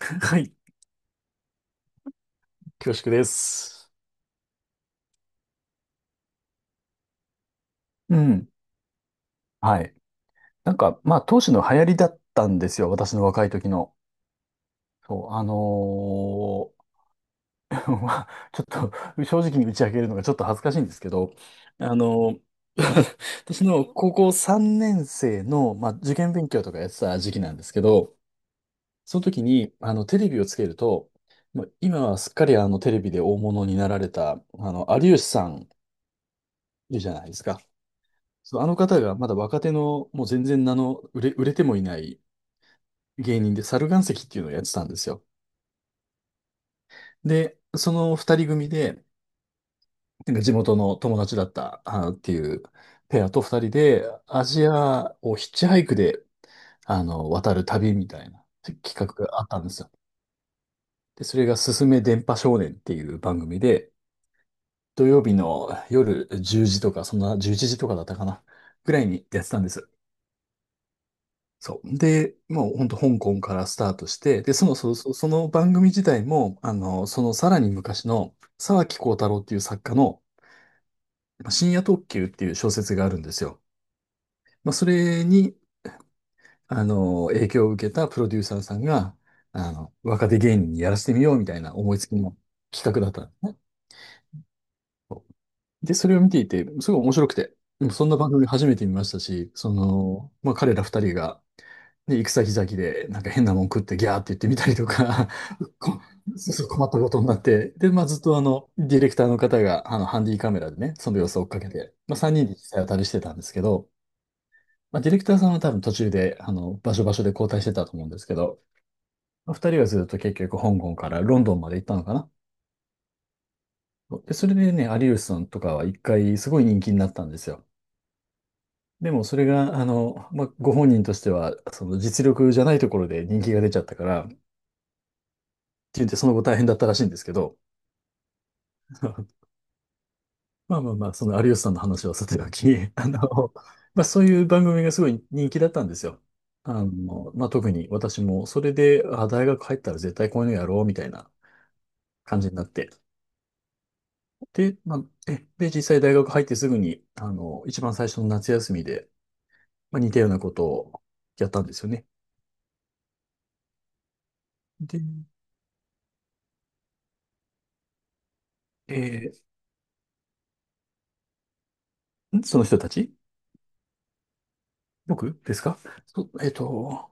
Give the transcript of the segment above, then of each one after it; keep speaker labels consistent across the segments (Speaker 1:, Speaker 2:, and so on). Speaker 1: はい。恐縮です。うん。はい。なんか、まあ、当時の流行りだったんですよ。私の若い時の。そう、まあ、ちょっと、正直に打ち明けるのがちょっと恥ずかしいんですけど、あのー 私の高校3年生の、まあ、受験勉強とかやってた時期なんですけど、その時に、テレビをつけると、まあ、今はすっかりテレビで大物になられた、有吉さんいるじゃないですか。そう、あの方がまだ若手の、もう全然名の売れてもいない芸人で、猿岩石っていうのをやってたんですよ。で、その二人組で、なんか地元の友達だったあーっていうペアと二人で、アジアをヒッチハイクで、渡る旅みたいな企画があったんですよ。で、それがすすめ電波少年っていう番組で、土曜日の夜10時とか、そんな11時とかだったかな、ぐらいにやってたんです。そう。で、もう本当香港からスタートして、で、その番組自体も、そのさらに昔の沢木耕太郎っていう作家のまあ深夜特急っていう小説があるんですよ。まあ、それに、影響を受けたプロデューサーさんが、若手芸人にやらせてみようみたいな思いつきの企画だった。で、それを見ていて、すごい面白くて、でもそんな番組初めて見ましたし、まあ彼ら二人が、で、行く先々で、なんか変なもん食ってギャーって言ってみたりとか、こそうそう困ったことになって、で、まあ、ずっとディレクターの方が、ハンディカメラでね、その様子を追っかけて、まあ、3人で実際当たりしてたんですけど、まあ、ディレクターさんは多分途中で、場所場所で交代してたと思うんですけど、まあ、2人はずっと結局香港からロンドンまで行ったのかな。で、それでね、有吉さんとかは一回すごい人気になったんですよ。でもそれが、まあ、ご本人としては、その実力じゃないところで人気が出ちゃったから、って言ってその後大変だったらしいんですけど、まあまあまあ、その有吉さんの話はさておき、あの、まあそういう番組がすごい人気だったんですよ。まあ特に私も、それで、あ、大学入ったら絶対こういうのやろう、みたいな感じになって。で、まあ、で、実際大学入ってすぐに、一番最初の夏休みで、まあ似たようなことをやったんですよね。で、えその人たち。僕ですか？そえっと、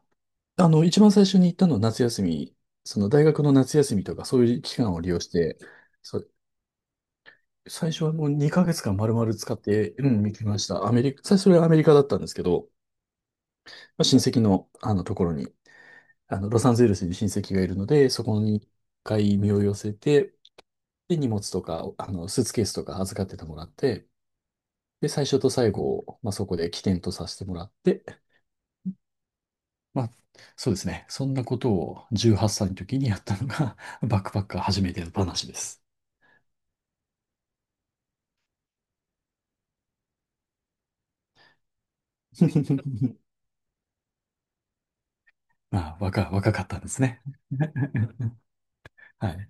Speaker 1: 一番最初に行ったのは夏休み、その大学の夏休みとかそういう期間を利用して、そ、最初はもう2ヶ月間丸々使って、うん、行きました。アメリカ、最初はアメリカだったんですけど、まあ親戚の、あのところに、ロサンゼルスに親戚がいるので、そこに一回身を寄せて、で、荷物とか、スーツケースとか預かっててもらって、で、最初と最後を、まあ、そこで起点とさせてもらって、まあ、そうですね。そんなことを18歳の時にやったのが、バックパッカー初めての話です。まあ、若かったんですね。はい。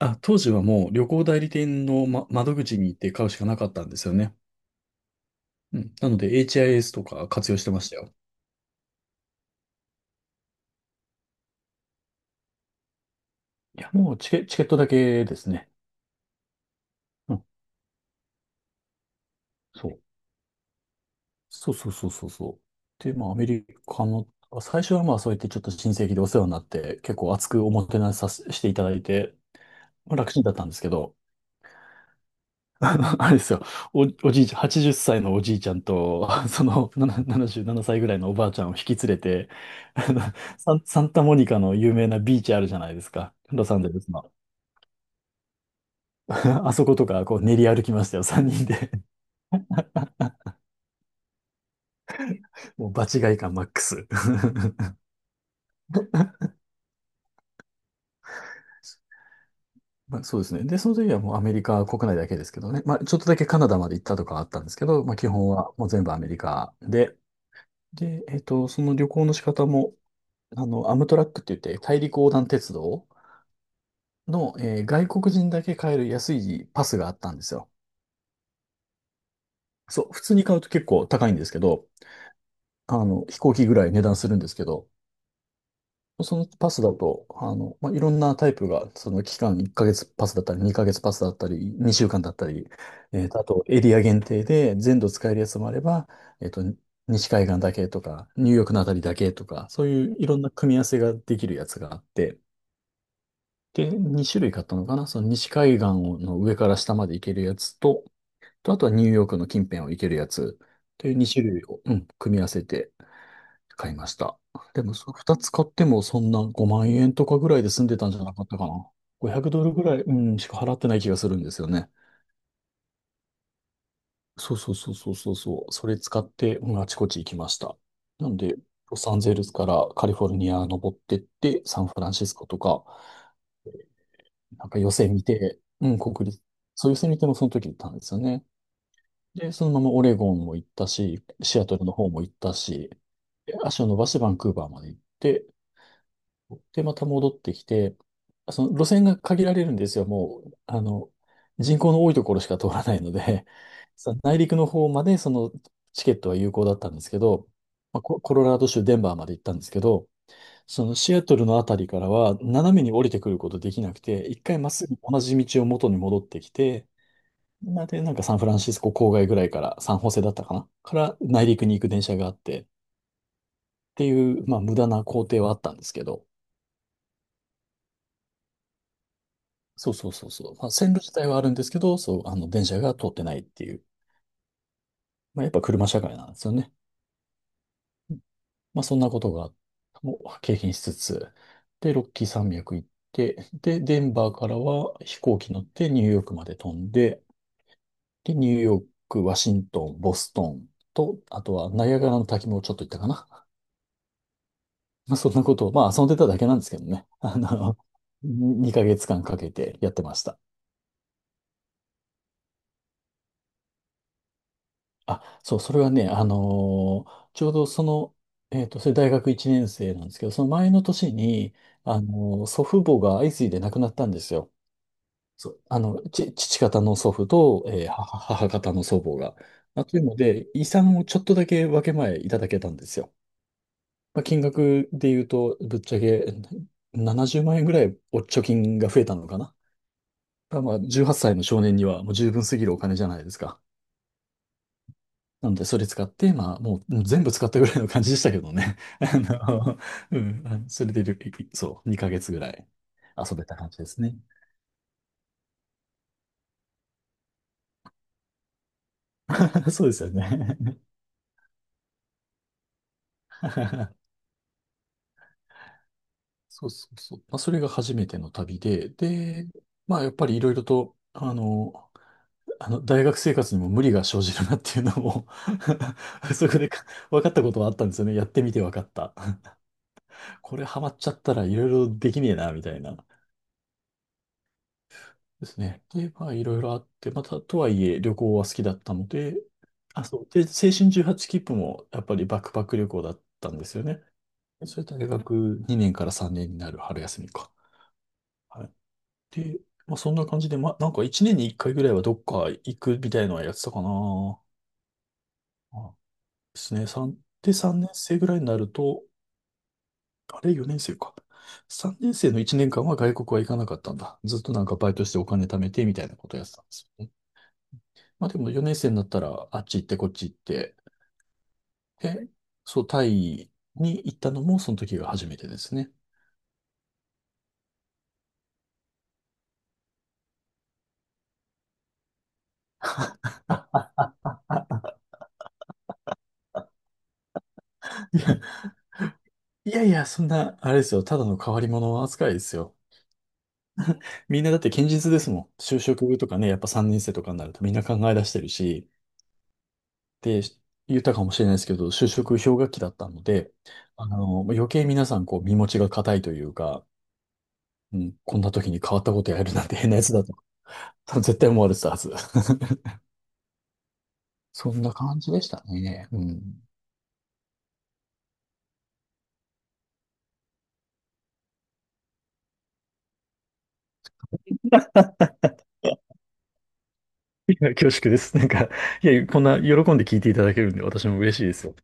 Speaker 1: あ、当時はもう旅行代理店の、窓口に行って買うしかなかったんですよね。うん。なので HIS とか活用してましたよ。いや、もうチケットだけですね。うん。そう。そうそうそうそうそう。で、まあ、アメリカの、最初はまあ、そうやってちょっと親戚でお世話になって、結構熱くおもてなしさせしていただいて、まあ楽ちんだったんですけど、あれですよ。お、おじいちゃん、80歳のおじいちゃんと、その、77歳ぐらいのおばあちゃんを引き連れて、あの、サンタモニカの有名なビーチあるじゃないですか。ロサンゼルスの。あそことか、こう練り歩きましたよ、3人で。もう場違い感マックス。まあ、そうですね。で、その時はもうアメリカ国内だけですけどね。まあ、ちょっとだけカナダまで行ったとかあったんですけど、まあ、基本はもう全部アメリカで、で、その旅行の仕方も、アムトラックって言って大陸横断鉄道の、外国人だけ買える安いパスがあったんですよ。そう、普通に買うと結構高いんですけど、飛行機ぐらい値段するんですけど、そのパスだと、まあ、いろんなタイプが、その期間1ヶ月パスだったり、2ヶ月パスだったり、2週間だったり、あとエリア限定で全土使えるやつもあれば、えっと、西海岸だけとか、ニューヨークのあたりだけとか、そういういろんな組み合わせができるやつがあって、で、2種類買ったのかなその西海岸の上から下まで行けるやつと、あとはニューヨークの近辺を行けるやつという2種類を、うん、組み合わせて買いました。でも、その2つ買ってもそんな5万円とかぐらいで済んでたんじゃなかったかな。500ドルぐらい、うん、しか払ってない気がするんですよね。そうそうそうそうそうそう。それ使って、うん、あちこち行きました。なんで、ロサンゼルスからカリフォルニア登ってって、サンフランシスコとか、なんか寄せ見て、うん、国立、そういう寄せ見てもその時行ったんですよね。で、そのままオレゴンも行ったし、シアトルの方も行ったし、で足を伸ばしてバンクーバーまで行って、で、また戻ってきて、その路線が限られるんですよ。もう、人口の多いところしか通らないので、その内陸の方までそのチケットは有効だったんですけど、まあ、コロラド州デンバーまで行ったんですけど、そのシアトルのあたりからは斜めに降りてくることできなくて、一回まっすぐ同じ道を元に戻ってきて、なので、なんかサンフランシスコ郊外ぐらいから、サンホセだったかなから内陸に行く電車があって、っていう、まあ無駄な工程はあったんですけど、そうそうそうそう。まあ線路自体はあるんですけど、そう、あの電車が通ってないっていう、まあやっぱ車社会なんですよね。まあそんなことが、もう経験しつつ、で、ロッキー山脈行って、で、デンバーからは飛行機乗ってニューヨークまで飛んで、で、ニューヨーク、ワシントン、ボストンと、あとはナイアガラの滝もちょっと行ったかな。まあ、そんなことを、まあ、遊んでただけなんですけどね。に2ヶ月間かけてやってました。あ、そう、それはね、ちょうどその、それ大学1年生なんですけど、その前の年に、祖父母が相次いで亡くなったんですよ。そう、父方の祖父と、母方の祖母が。まあ、というので、遺産をちょっとだけ分け前いただけたんですよ。まあ、金額で言うと、ぶっちゃけ70万円ぐらいお貯金が増えたのかな。ただまあ、18歳の少年にはもう十分すぎるお金じゃないですか。なので、それ使って、まあ、もう全部使ったぐらいの感じでしたけどね。うん、あのそれでいる、そう、2ヶ月ぐらい遊べた感じですね。そうですよね。そうそうそう。まあ、それが初めての旅で、で、まあ、やっぱりいろいろと、大学生活にも無理が生じるなっていうのも そこでか分かったことはあったんですよね。やってみて分かった。これハマっちゃったらいろいろできねえな、みたいな。ですね。で、まあ、いろいろあって、また、とはいえ、旅行は好きだったので、あ、そう。で、青春18切符も、やっぱりバックパック旅行だったんですよね。それ大学2年から3年になる春休みか。はい。で、まあ、そんな感じで、まあ、なんか1年に1回ぐらいはどっか行くみたいのはやってたかな。あ、ですね。3、で、3年生ぐらいになると、あれ、4年生か。3年生の1年間は外国は行かなかったんだ。ずっとなんかバイトしてお金貯めてみたいなことやってたんです。まあでも4年生になったらあっち行ってこっち行って、で、そう、タイに行ったのもその時が初めてですね。いや、いやいや、そんな、あれですよ、ただの変わり者扱いですよ。みんなだって堅実ですもん。就職とかね、やっぱ3年生とかになるとみんな考え出してるし、で、言ったかもしれないですけど、就職氷河期だったので、余計皆さんこう身持ちが固いというか、うん、こんな時に変わったことやるなんて変なやつだと、多分絶対思われてたはず。そんな感じでしたね。うん。いや、恐縮です。なんか、いや、こんな喜んで聞いていただけるんで、私も嬉しいですよ。